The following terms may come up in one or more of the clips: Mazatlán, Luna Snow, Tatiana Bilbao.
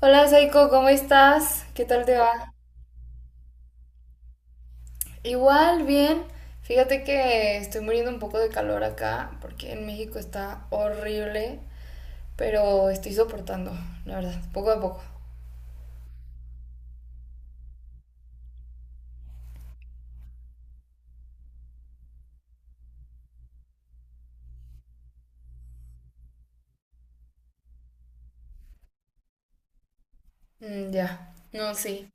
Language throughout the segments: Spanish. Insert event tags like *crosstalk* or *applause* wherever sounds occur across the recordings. Hola Saiko, ¿cómo estás? ¿Qué tal te va? Igual, bien. Fíjate que estoy muriendo un poco de calor acá porque en México está horrible, pero estoy soportando, la verdad, poco a poco. Mm, ya. No, sí.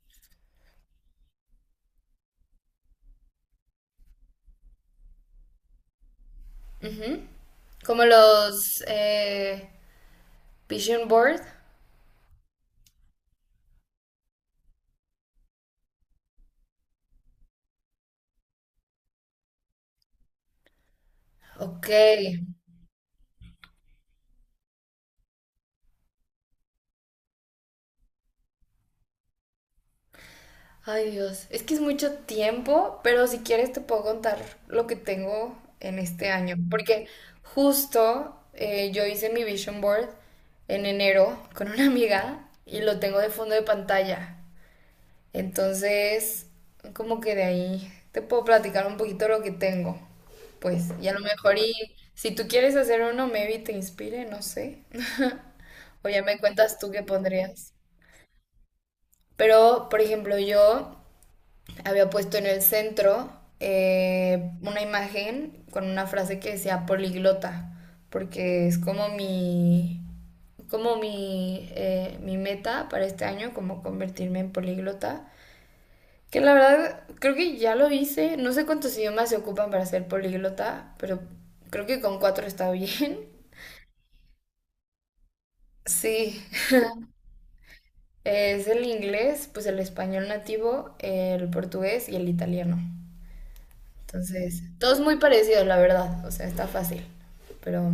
Ujú. Como los Vision Board. Ok. Ay, Dios, es que es mucho tiempo, pero si quieres te puedo contar lo que tengo en este año, porque justo yo hice mi vision board en enero con una amiga y lo tengo de fondo de pantalla. Entonces, como que de ahí te puedo platicar un poquito lo que tengo. Pues, y a lo mejor y si tú quieres hacer uno, maybe te inspire, no sé. *laughs* O ya me cuentas tú qué pondrías. Pero, por ejemplo, yo había puesto en el centro una imagen con una frase que decía poliglota, porque es como mi, como mi meta para este año, como convertirme en poliglota. Que la verdad, creo que ya lo hice. No sé cuántos idiomas se ocupan para ser poliglota, pero creo que con cuatro está bien. *laughs* Sí, es el inglés, pues el español nativo, el portugués y el italiano. Entonces, todo es muy parecido, la verdad. O sea, está fácil. Pero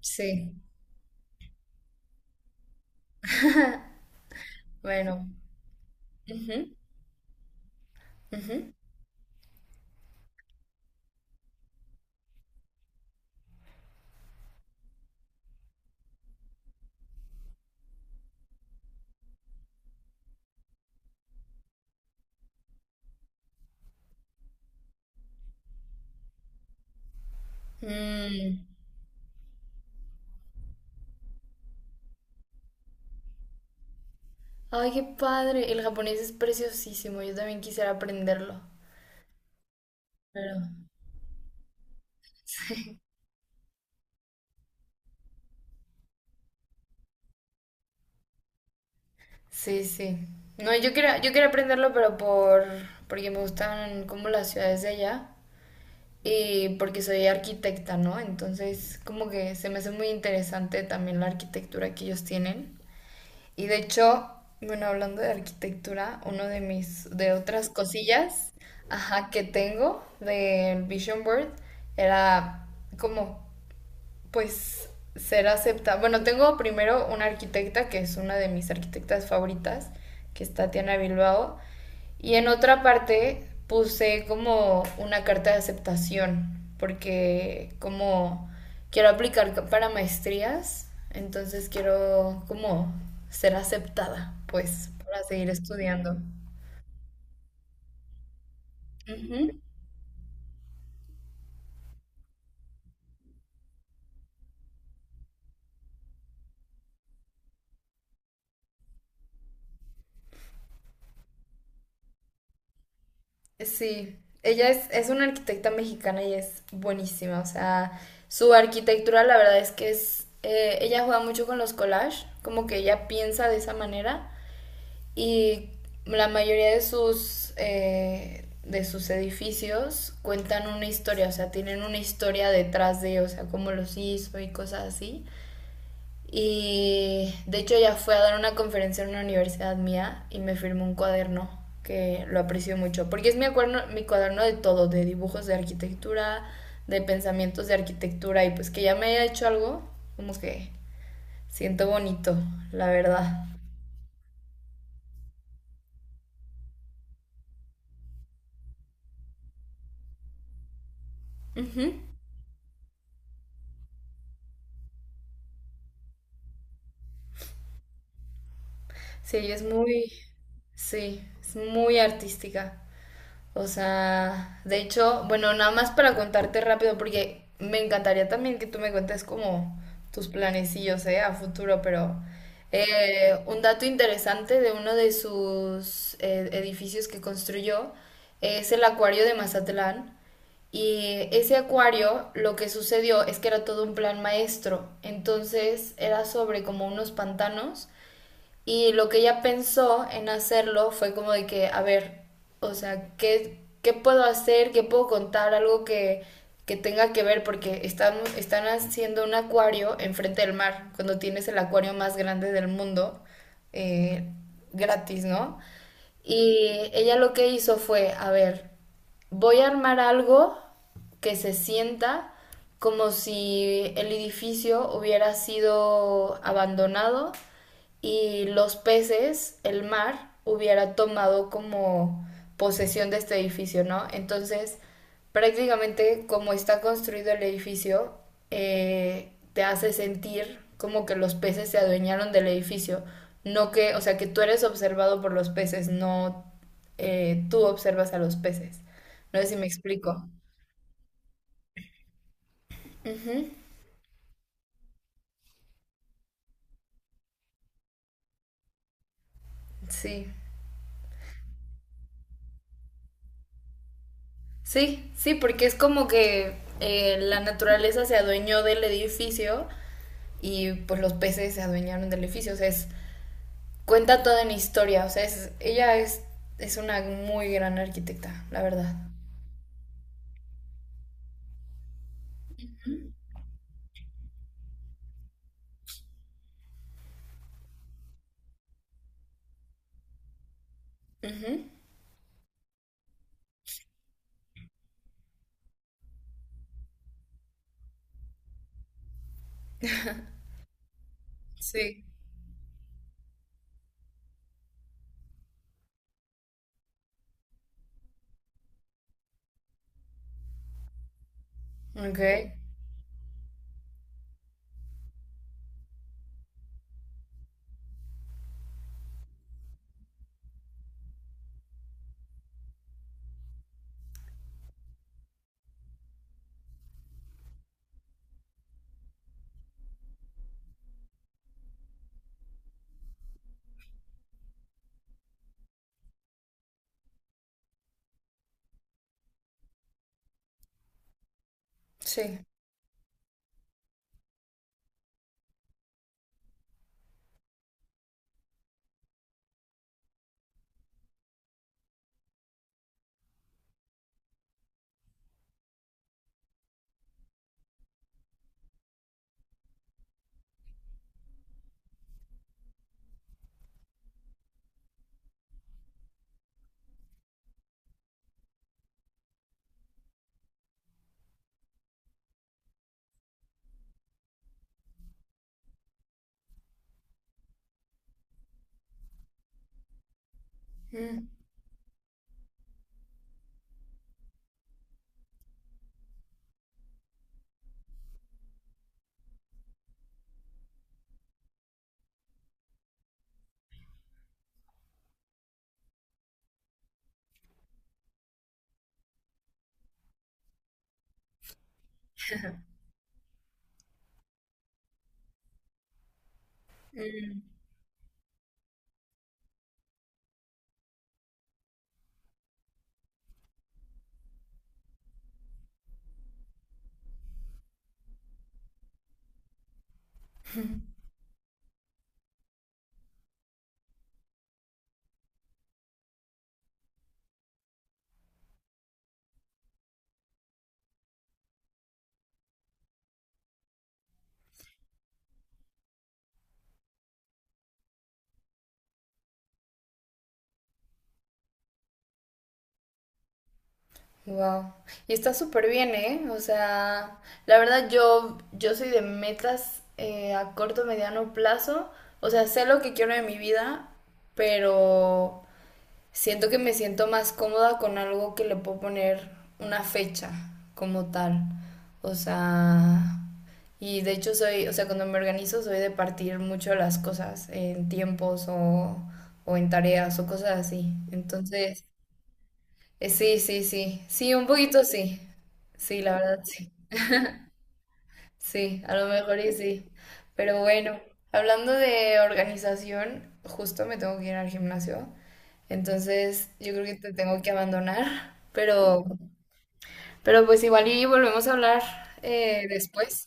sí, bueno. Ujú, ujú. Mm. Ay, qué padre. El japonés es preciosísimo. Yo también quisiera aprenderlo. Pero sí, sí. No, yo quería aprenderlo, pero porque me gustan como las ciudades de allá y porque soy arquitecta, ¿no? Entonces, como que se me hace muy interesante también la arquitectura que ellos tienen. Y de hecho, bueno, hablando de arquitectura, uno de mis, de otras cosillas, ajá, que tengo del Vision Board era como pues ser aceptada. Bueno, tengo primero una arquitecta que es una de mis arquitectas favoritas, que es Tatiana Bilbao, y en otra parte puse como una carta de aceptación, porque como quiero aplicar para maestrías, entonces quiero como ser aceptada, pues, para seguir estudiando. Ujú. Sí, ella es una arquitecta mexicana y es buenísima. O sea, su arquitectura la verdad es que es ella juega mucho con los collages, como que ella piensa de esa manera y la mayoría de sus edificios cuentan una historia, o sea, tienen una historia detrás de, o sea, cómo los hizo y cosas así. Y de hecho ya fue a dar una conferencia en una universidad mía y me firmó un cuaderno que lo aprecio mucho, porque es mi cuaderno de todo, de dibujos de arquitectura, de pensamientos de arquitectura y pues que ya me haya hecho algo, como que siento bonito, la verdad. Ujú. Sí, ella es muy, sí, es muy artística. O sea, de hecho, bueno, nada más para contarte rápido, porque me encantaría también que tú me cuentes como tus planecillos, ¿eh? A futuro, pero un dato interesante de uno de sus edificios que construyó es el acuario de Mazatlán. Y ese acuario, lo que sucedió es que era todo un plan maestro. Entonces era sobre como unos pantanos y lo que ella pensó en hacerlo fue como de que, a ver, o sea, ¿qué puedo hacer? ¿Qué puedo contar? Algo que tenga que ver, porque están haciendo un acuario enfrente del mar, cuando tienes el acuario más grande del mundo, eh, gratis, ¿no? Y ella lo que hizo fue, a ver, voy a armar algo que se sienta como si el edificio hubiera sido abandonado y los peces, el mar, hubiera tomado como posesión de este edificio, ¿no? Entonces, prácticamente como está construido el edificio, te hace sentir como que los peces se adueñaron del edificio, no que, o sea, que tú eres observado por los peces, no tú observas a los peces. No sé si me explico. Ujú. Sí, sí, sí, porque es como que la naturaleza se adueñó del edificio y pues los peces se adueñaron del edificio. O sea, es, cuenta toda una historia. O sea, es, ella es una muy gran arquitecta, la verdad. Ujú. Sí. Ok, sí. Wow. Y está súper bien, ¿eh? O sea, la verdad yo, yo soy de metas a corto, mediano plazo. O sea, sé lo que quiero de mi vida, pero siento que me siento más cómoda con algo que le puedo poner una fecha como tal. O sea, y de hecho soy, o sea, cuando me organizo soy de partir mucho las cosas en tiempos o en tareas o cosas así. Entonces, sí, sí, sí. Sí, un poquito sí. Sí, la verdad, sí. Sí, a lo mejor y sí. Pero bueno, hablando de organización, justo me tengo que ir al gimnasio. Entonces, yo creo que te tengo que abandonar. Pero pues igual y volvemos a hablar después.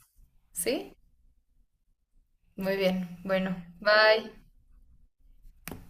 ¿Sí? Muy bien. Bueno, bye.